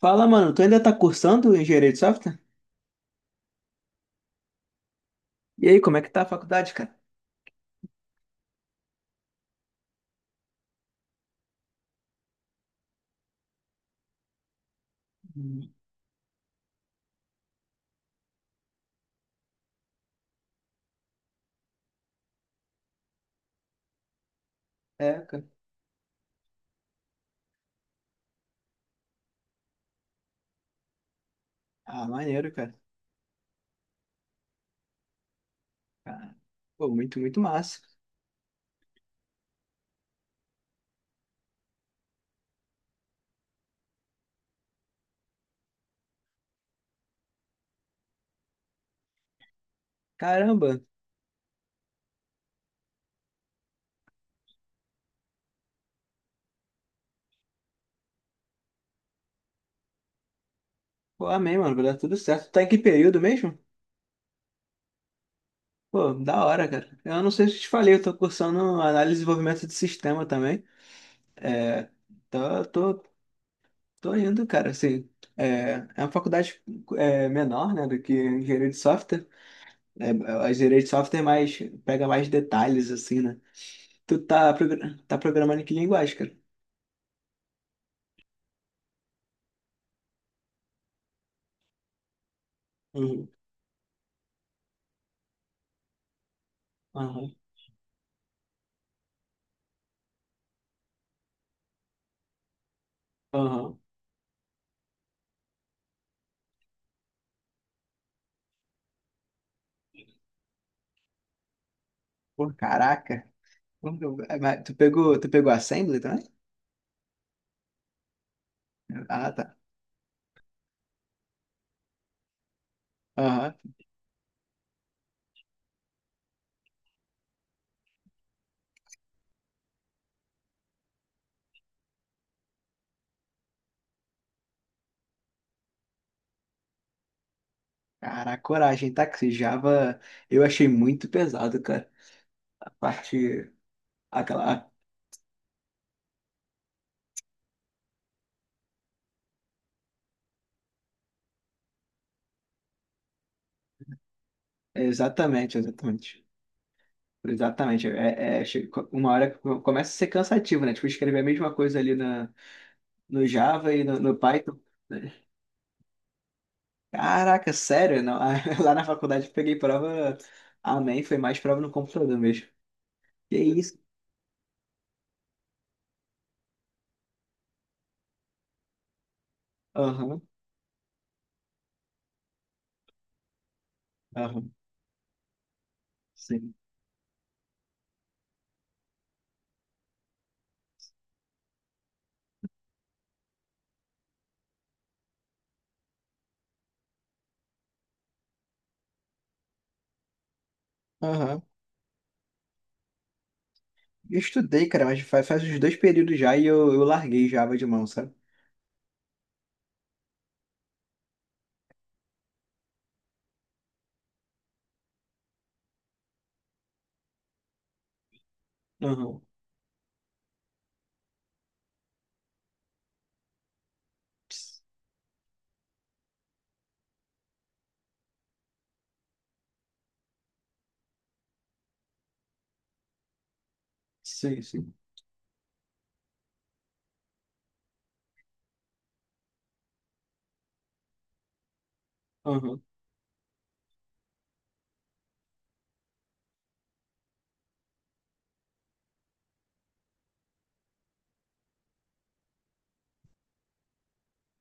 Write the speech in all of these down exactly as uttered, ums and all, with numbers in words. Fala, mano, tu ainda tá cursando engenharia de software? E aí, como é que tá a faculdade, cara? Hum. É, cara. Ah, maneiro, cara. Ah, pô, muito, muito massa. Caramba. Pô, amém, mano. Vai dar tudo certo. Tá em que período mesmo? Pô, da hora, cara. Eu não sei se eu te falei, eu tô cursando análise e desenvolvimento de sistema também. É, tô, tô, tô indo, cara, assim. É, é uma faculdade é, menor, né, do que engenharia de software. É, a engenharia de software é mais, pega mais detalhes, assim, né? Tu tá, progra- tá programando em que linguagem, cara? Uhum. Aham. Aham. Pô, caraca. Como que eu- é, mas Tu pegou, tu pegou Assembly também? Ah, tá. Aham. Caraca, coragem, tá? Que esse Java eu achei muito pesado, cara. A parte. Aquela. Exatamente, exatamente. Exatamente. É, é, che- uma hora começa a ser cansativo, né? Tipo, escrever a mesma coisa ali na, no Java e no, no Python, né? Caraca, sério? Não, lá na faculdade eu peguei prova. Amém, foi mais prova no computador mesmo. Que isso? Aham, aham, sim. Aham. Eu estudei, cara, mas faz, faz uns dois períodos já e eu, eu larguei Java de mão, sabe? Aham. Sim, sim. Aham.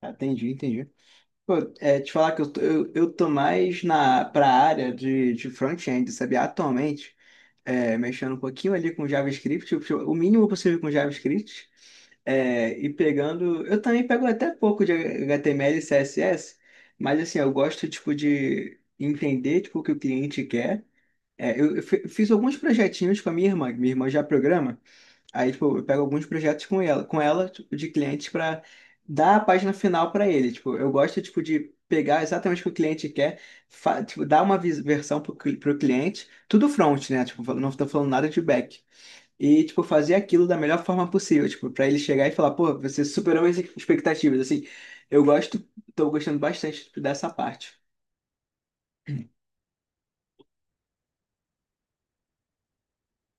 Entendi, entendi. Pô, é, te falar que eu tô, eu, eu tô mais na, pra área de, de front-end, sabe? Atualmente, é, mexendo um pouquinho ali com JavaScript, o o mínimo possível com JavaScript, é, e pegando. Eu também pego até pouco de H T M L e C S S, mas assim, eu gosto tipo, de entender tipo, o que o cliente quer. É, eu eu fi- fiz alguns projetinhos com a minha irmã, que minha irmã já programa. Aí, tipo, eu pego alguns projetos com ela, com ela, tipo, de clientes para dar a página final para ele. Tipo, eu gosto, tipo, de pegar exatamente o que o cliente quer, fa- tipo, dar uma vis- versão pro, cli- pro cliente, tudo front, né? Tipo, não tô falando nada de back. E, tipo, fazer aquilo da melhor forma possível, tipo, para ele chegar e falar, pô, você superou as expectativas, assim. Eu gosto, tô gostando bastante tipo, dessa parte.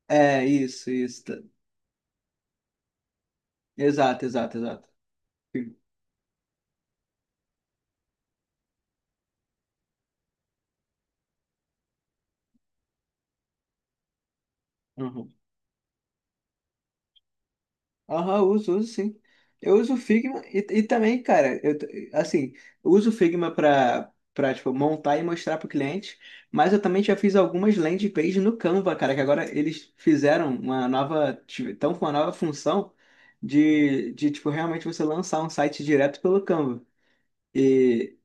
É, isso, isso. Exato, exato, exato. Uhum. Aham, uso, uso sim. Eu uso o Figma e, e também, cara, eu, t- assim, eu uso o Figma para para tipo montar e mostrar pro cliente, mas eu também já fiz algumas landing pages no Canva, cara, que agora eles fizeram uma nova, estão com uma nova função de, de tipo realmente você lançar um site direto pelo Canva. E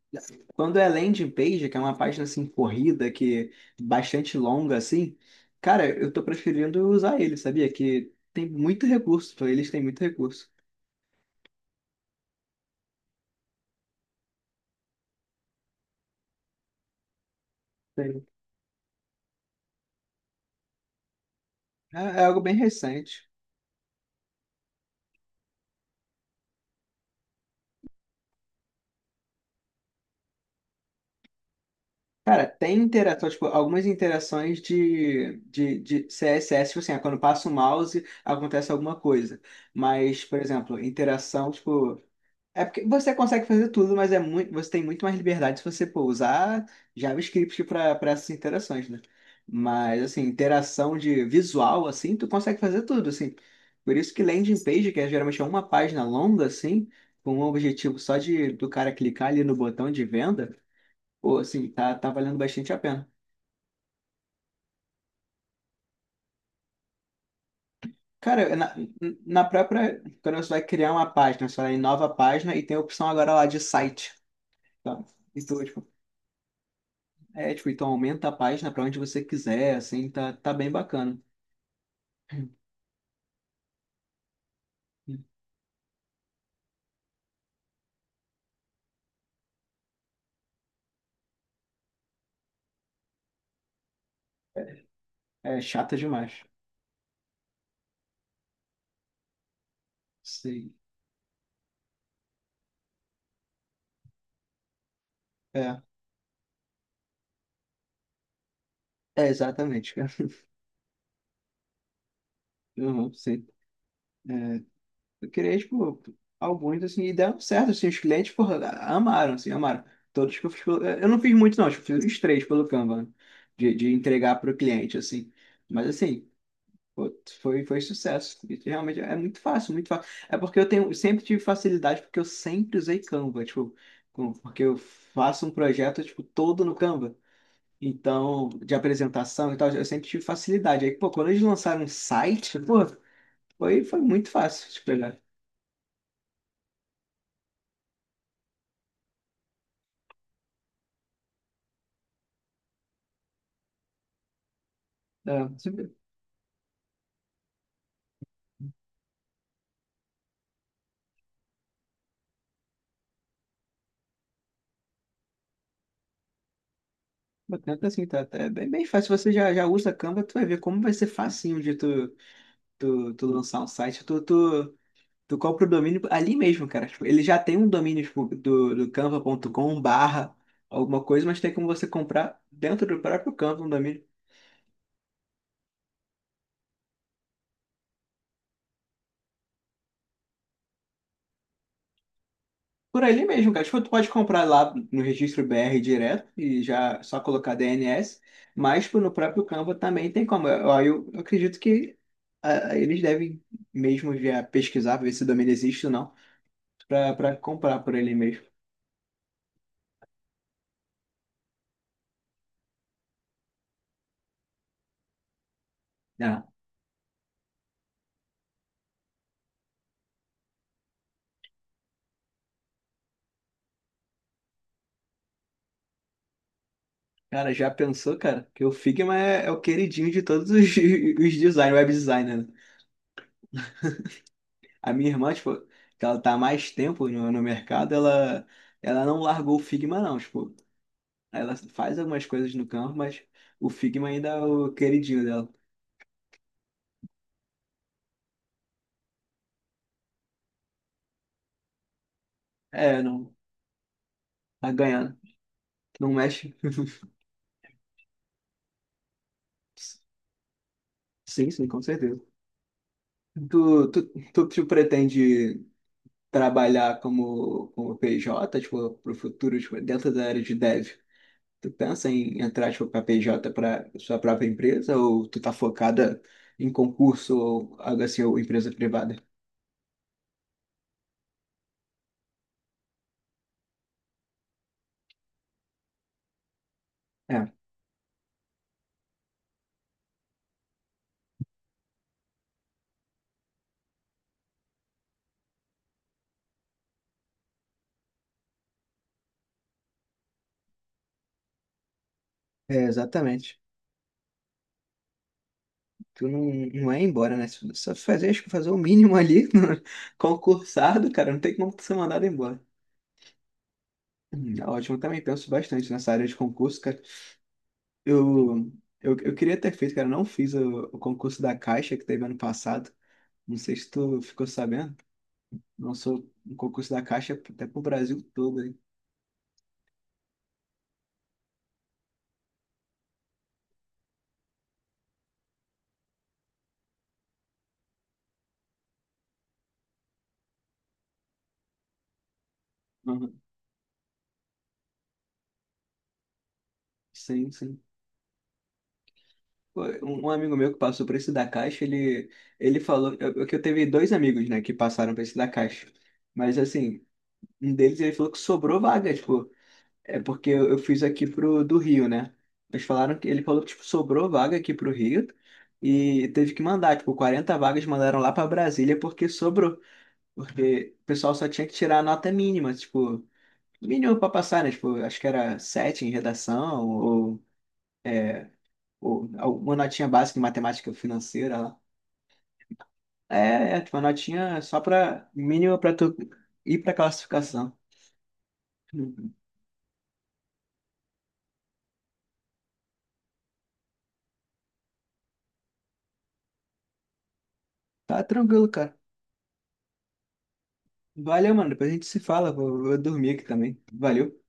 quando é landing page, que é uma página assim corrida, que é bastante longa assim, cara, eu tô preferindo usar ele, sabia? Que tem muito recurso, eles têm muito recurso. Tem. É, é algo bem recente. Cara, tem interação, tipo, algumas interações de, de, de C S S, tipo assim, ah, quando passa o mouse acontece alguma coisa. Mas, por exemplo, interação, tipo, é porque você consegue fazer tudo, mas é muito, você tem muito mais liberdade se você pô, usar JavaScript para para essas interações, né? Mas assim, interação de visual assim, tu consegue fazer tudo, assim. Por isso que landing page, que é geralmente é uma página longa assim, com um objetivo só de do cara clicar ali no botão de venda. Pô, assim, tá, tá valendo bastante a pena. Cara, na, na própria, quando você vai criar uma página, você vai em nova página e tem a opção agora lá de site. Tá? Então, tipo, é, tipo, então aumenta a página pra onde você quiser, assim, tá, tá bem bacana. É chata demais. Sim. É, é exatamente, cara. Uhum, sim. Eu criei, tipo, alguns, assim, e deram certo, assim, os clientes, porra, amaram, assim, amaram. Todos que eu fiz pelo. Eu não fiz muito, não, tipo, fiz uns três pelo Canva, né? de, de entregar para o cliente, assim. Mas, assim, pô, foi, foi sucesso. E realmente é muito fácil, muito fácil. É porque eu tenho, sempre tive facilidade, porque eu sempre usei Canva, tipo, com- porque eu faço um projeto, tipo, todo no Canva. Então, de apresentação e tal, eu sempre tive facilidade. Aí, pô, quando eles lançaram um site, pô, foi, foi muito fácil de pegar. É. Tanto assim, tá, tá- é bem, bem fácil. Você já, já usa Canva, tu vai ver como vai ser facinho de tu, tu, tu lançar um site. Tu, tu, tu compra o domínio ali mesmo, cara. Tipo, ele já tem um domínio tipo, do, do canva ponto com barra alguma coisa, mas tem como você comprar dentro do próprio Canva um domínio. Por ali mesmo, cara. Tipo, tu pode comprar lá no registro B R direto e já só colocar D N S, mas tipo, no próprio Canva também tem como. Eu, eu, eu acredito que ah, eles devem mesmo já pesquisar, ver se o domínio existe ou não. pra, pra comprar por ele mesmo. Ah, cara, já pensou, cara? Que o Figma é, é o queridinho de todos os, os design, web designer, né? A minha irmã, tipo, que ela tá há mais tempo no, no mercado, ela, ela, não largou o Figma, não. Tipo, ela faz algumas coisas no campo, mas o Figma ainda é o queridinho dela. É, não, tá ganhando. Não mexe. Sim, sim, com certeza. Tu, tu, tu, tu pretende trabalhar como, como P J, tipo, pro futuro, tipo, dentro da área de dev? Tu pensa em entrar, tipo, para P J para sua própria empresa ou tu tá focada em concurso ou algo assim, ou empresa privada? É, é, exatamente. Tu não, não é embora, né? Se- Só fazer, acho que fazer o mínimo ali, concursado, cara, não tem como tu ser mandado embora. Hum, Ótimo, também penso bastante nessa área de concurso, cara. Eu, eu, eu queria ter feito, cara, não fiz o, o concurso da Caixa que teve ano passado. Não sei se tu ficou sabendo. Lançou um concurso da Caixa até pro Brasil todo. Uhum. Sim, sim. Pô, Um um amigo meu que passou por esse da Caixa, ele, ele, falou eu- que eu teve dois amigos, né, que passaram por esse da Caixa. Mas assim, um deles ele falou que sobrou vaga, tipo, é porque eu, eu fiz aqui pro do Rio, né? Eles falaram que ele falou que tipo, sobrou vaga aqui pro Rio e teve que mandar, tipo, quarenta vagas mandaram lá para Brasília porque sobrou. Porque o pessoal só tinha que tirar a nota mínima, tipo, mínimo para passar, né? Tipo, acho que era sete em redação, ou, ou uma notinha básica em matemática financeira lá. É, é, tipo, uma notinha só para mínima para tu ir para classificação. Uhum. Tá tranquilo, cara. Valeu, mano. Depois a gente se fala. Vou, vou dormir aqui também. Valeu.